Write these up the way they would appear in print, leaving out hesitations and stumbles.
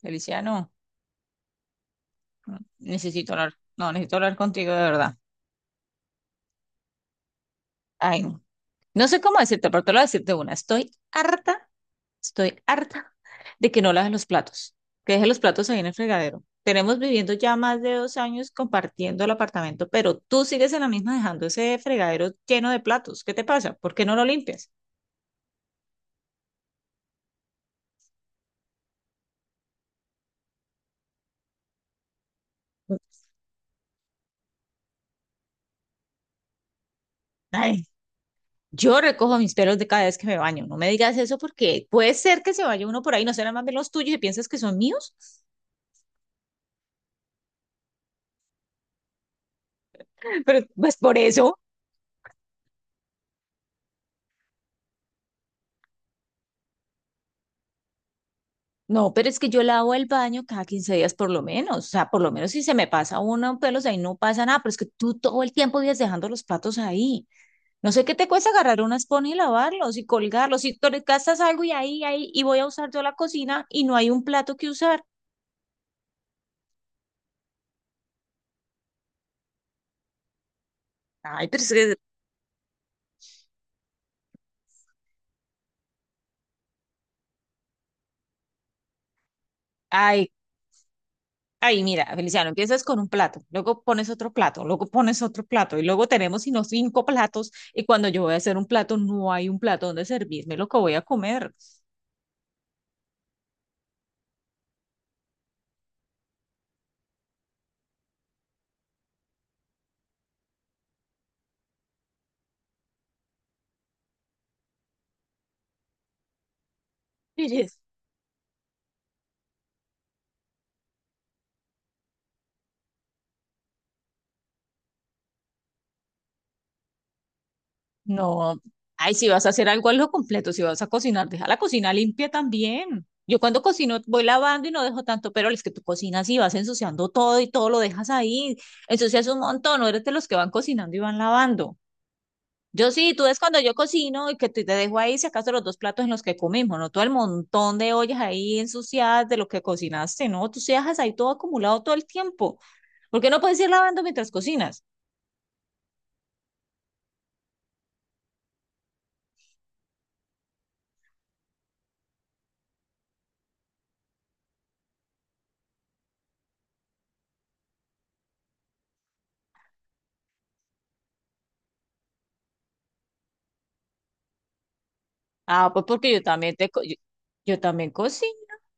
Feliciano, necesito hablar, no, necesito hablar contigo de verdad. Ay, no. No sé cómo decirte, pero te lo voy a decirte una. Estoy harta de que no laves los platos, que dejes los platos ahí en el fregadero. Tenemos viviendo ya más de 2 años compartiendo el apartamento, pero tú sigues en la misma dejando ese fregadero lleno de platos. ¿Qué te pasa? ¿Por qué no lo limpias? Ay, yo recojo mis pelos de cada vez que me baño. No me digas eso porque puede ser que se vaya uno por ahí, no serán más bien los tuyos y piensas que son míos. Pero pues por eso. No, pero es que yo lavo el baño cada 15 días por lo menos. O sea, por lo menos si se me pasa uno pelos ahí no pasa nada, pero es que tú todo el tiempo vives dejando los platos ahí. No sé qué te cuesta agarrar una esponja y lavarlos y colgarlos. Y tú le gastas algo y ahí, y voy a usar yo la cocina y no hay un plato que usar. Ay, pero es que, ay, ay, mira, Feliciano, empiezas con un plato, luego pones otro plato, luego pones otro plato y luego tenemos sino cinco platos y cuando yo voy a hacer un plato no hay un plato donde servirme lo que voy a comer. No, ay, si vas a hacer algo, lo completo. Si vas a cocinar, deja la cocina limpia también. Yo cuando cocino voy lavando y no dejo tanto, pero es que tú cocinas y vas ensuciando todo y todo lo dejas ahí. Ensucias un montón, no eres de los que van cocinando y van lavando. Yo sí, tú ves cuando yo cocino y que te dejo ahí, si acaso los dos platos en los que comimos, no todo el montón de ollas ahí ensuciadas de lo que cocinaste, no, tú se dejas ahí todo acumulado todo el tiempo. ¿Por qué no puedes ir lavando mientras cocinas? Ah, pues porque yo también yo también cocino,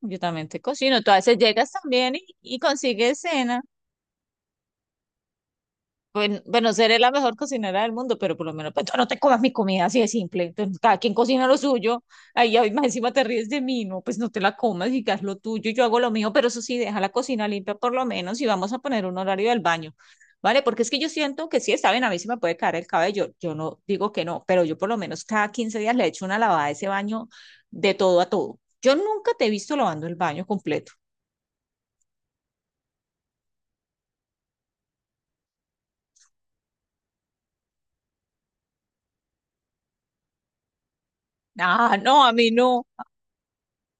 yo también te cocino. Tú a veces llegas también y consigues cena. Bueno, bueno, seré la mejor cocinera del mundo, pero por lo menos pues, tú no te comas mi comida así de simple. Entonces, cada quien cocina lo suyo. Ahí hoy más encima te ríes de mí, no, pues no te la comas y haz lo tuyo, yo hago lo mío, pero eso sí, deja la cocina limpia por lo menos y vamos a poner un horario del baño. ¿Vale? Porque es que yo siento que sí, está bien, a mí se me puede caer el cabello. Yo no digo que no, pero yo por lo menos cada 15 días le echo una lavada a ese baño de todo a todo. Yo nunca te he visto lavando el baño completo. Ah, no, a mí no.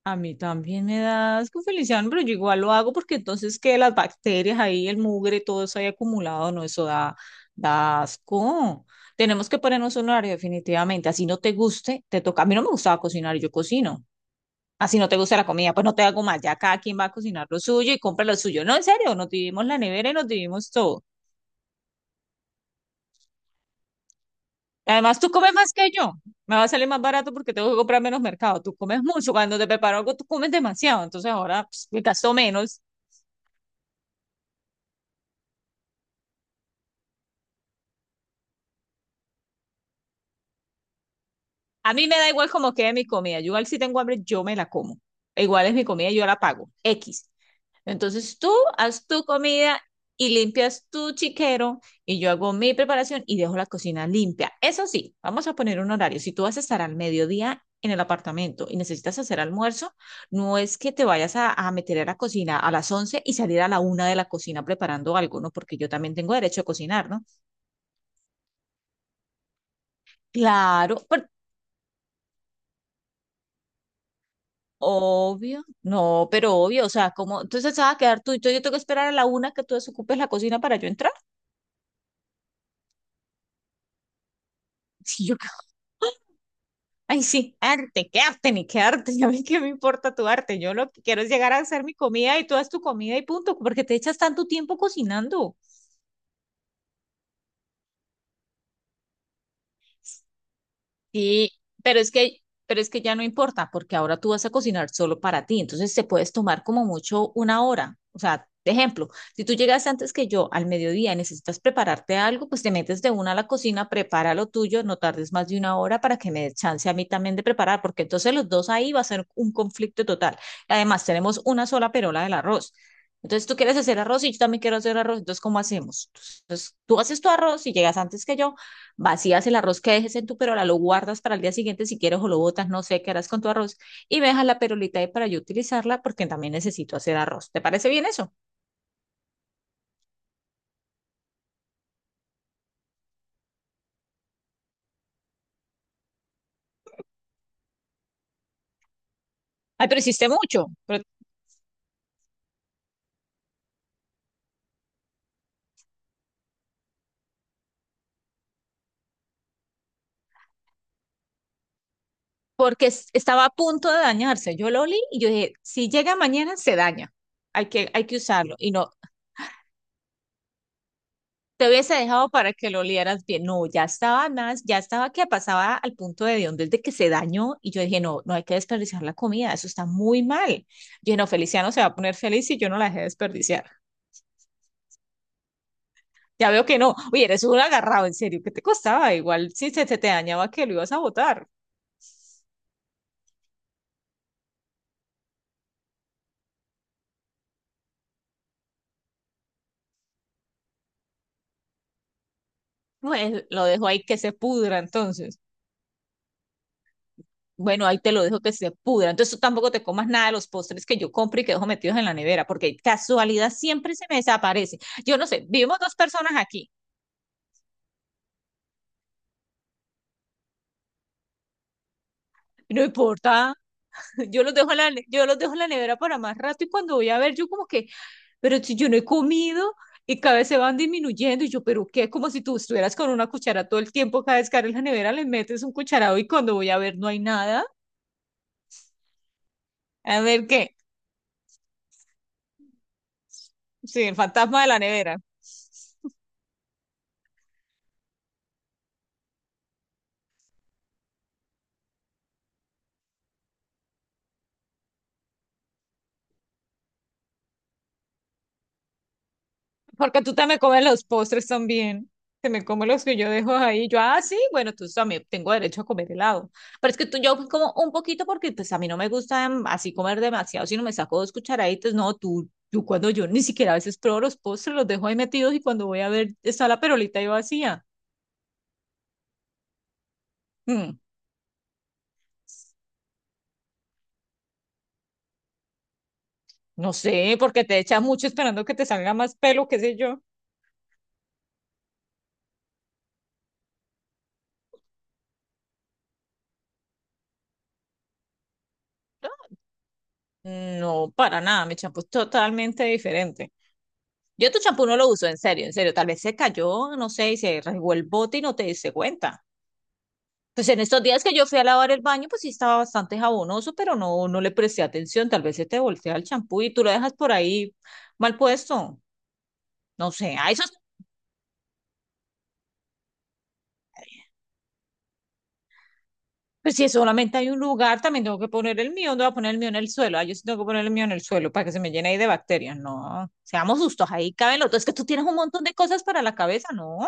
A mí también me da asco, Feliciano, pero yo igual lo hago porque entonces que las bacterias ahí, el mugre, todo eso ahí acumulado, no, eso da asco. Tenemos que ponernos un horario definitivamente. Así no te guste, te toca. A mí no me gustaba cocinar, yo cocino. Así no te gusta la comida, pues no te hago más. Ya cada quien va a cocinar lo suyo y compra lo suyo. No, en serio, nos dividimos la nevera y nos dividimos todo. Además, tú comes más que yo. Me va a salir más barato porque tengo que comprar menos mercado. Tú comes mucho. Cuando te preparo algo, tú comes demasiado. Entonces ahora pues, me gasto menos. A mí me da igual como quede mi comida. Yo igual si tengo hambre, yo me la como. Igual es mi comida, yo la pago. X. Entonces tú haz tu comida y limpias tu chiquero y yo hago mi preparación y dejo la cocina limpia. Eso sí, vamos a poner un horario. Si tú vas a estar al mediodía en el apartamento y necesitas hacer almuerzo, no es que te vayas a meter a la cocina a las 11 y salir a la 1 de la cocina preparando algo, ¿no? Porque yo también tengo derecho a cocinar, ¿no? Claro. Obvio, no, pero obvio, o sea, como, entonces se va a quedar tú y yo tengo que esperar a la 1 que tú desocupes la cocina para yo entrar. Sí, yo, ca- ay, sí, arte, qué arte, ni qué arte, ya a mí qué me importa tu arte, yo lo que quiero es llegar a hacer mi comida y tú haz tu comida y punto, porque te echas tanto tiempo cocinando. Sí, pero es que ya no importa, porque ahora tú vas a cocinar solo para ti, entonces te puedes tomar como mucho una hora. O sea, de ejemplo, si tú llegas antes que yo al mediodía y necesitas prepararte algo, pues te metes de una a la cocina, prepara lo tuyo, no tardes más de una hora para que me dé chance a mí también de preparar, porque entonces los dos ahí va a ser un conflicto total. Además, tenemos una sola perola del arroz. Entonces tú quieres hacer arroz y yo también quiero hacer arroz, entonces ¿cómo hacemos? Entonces tú haces tu arroz y llegas antes que yo vacías el arroz que dejes en tu perola, lo guardas para el día siguiente si quieres o lo botas, no sé qué harás con tu arroz y me dejas la perolita ahí para yo utilizarla porque también necesito hacer arroz. ¿Te parece bien eso? Ay, pero hiciste mucho, porque estaba a punto de dañarse. Yo lo olí y yo dije, si llega mañana se daña, hay que usarlo y no. Te hubiese dejado para que lo olieras bien. No, ya estaba más, ya estaba que pasaba al punto de donde de que se dañó y yo dije, no, no hay que desperdiciar la comida, eso está muy mal. Yo dije, no, Feliciano se va a poner feliz si yo no la dejé desperdiciar. Ya veo que no. Oye, eres un agarrado, en serio, ¿qué te costaba? Igual si se te dañaba que lo ibas a botar. Pues lo dejo ahí que se pudra entonces. Bueno, ahí te lo dejo que se pudra. Entonces tú tampoco te comas nada de los postres que yo compro y que dejo metidos en la nevera, porque casualidad siempre se me desaparece. Yo no sé, vivimos dos personas aquí. No importa, yo los dejo en la nevera para más rato y cuando voy a ver, yo como que, pero si yo no he comido y cada vez se van disminuyendo y yo, pero qué, como si tú estuvieras con una cuchara todo el tiempo, cada vez que abres la nevera le metes un cucharado y cuando voy a ver no hay nada. A ver qué, sí, el fantasma de la nevera, porque tú también comes los postres también. Te me come los que yo dejo ahí. Ah, sí, bueno, tú también tengo derecho a comer helado. Pero es que tú, yo como un poquito porque pues a mí no me gusta así comer demasiado, sino me saco dos cucharaditas. No, tú cuando yo ni siquiera a veces pruebo los postres, los dejo ahí metidos y cuando voy a ver está la perolita ahí vacía. Mm, no sé, porque te echas mucho esperando que te salga más pelo, qué sé yo. No, para nada, mi champú es totalmente diferente. Yo tu champú no lo uso, en serio, en serio. Tal vez se cayó, no sé, y se rasgó el bote y no te diste cuenta. Pues en estos días que yo fui a lavar el baño, pues sí estaba bastante jabonoso, pero no, no le presté atención. Tal vez se te voltea el champú y tú lo dejas por ahí mal puesto. No sé, a eso, pues si solamente hay un lugar, también tengo que poner el mío, ¿dónde voy a poner el mío? ¿En el suelo? Ah, yo sí tengo que poner el mío en el suelo para que se me llene ahí de bacterias. No, seamos justos, ahí caben los dos. Es que tú tienes un montón de cosas para la cabeza, no.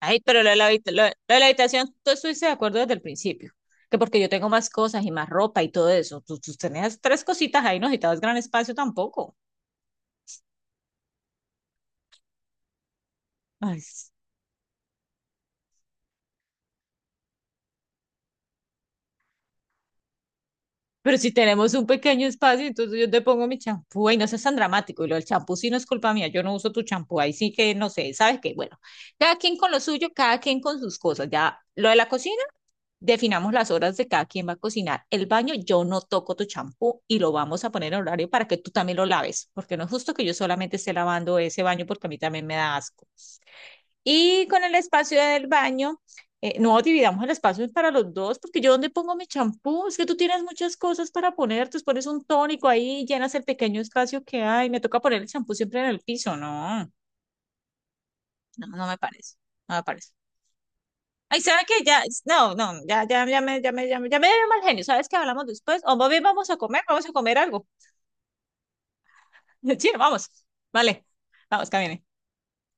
Ay, pero lo de la habitación, tú estuviste de acuerdo desde el principio. Que porque yo tengo más cosas y más ropa y todo eso. Tú tenías tres cositas ahí, no necesitabas gran espacio tampoco. Ay, pero si tenemos un pequeño espacio, entonces yo te pongo mi champú, y no seas tan dramático. Y lo del champú sí no es culpa mía, yo no uso tu champú, ahí sí que no sé, ¿sabes qué? Bueno, cada quien con lo suyo, cada quien con sus cosas. Ya lo de la cocina, definamos las horas de cada quien va a cocinar. El baño, yo no toco tu champú y lo vamos a poner en horario para que tú también lo laves, porque no es justo que yo solamente esté lavando ese baño porque a mí también me da asco. Y con el espacio del baño, no dividamos el espacio para los dos, porque yo dónde pongo mi champú, es que tú tienes muchas cosas para poner, tú pones un tónico ahí, llenas el pequeño espacio que hay, me toca poner el champú siempre en el piso, no, no, no me parece, no me parece. Ay, ¿sabes qué? Ya, no, no, ya, ya, ya me dio mal genio, ¿sabes qué hablamos después? O más bien vamos a comer algo. Sí, vamos, vale, vamos, camine.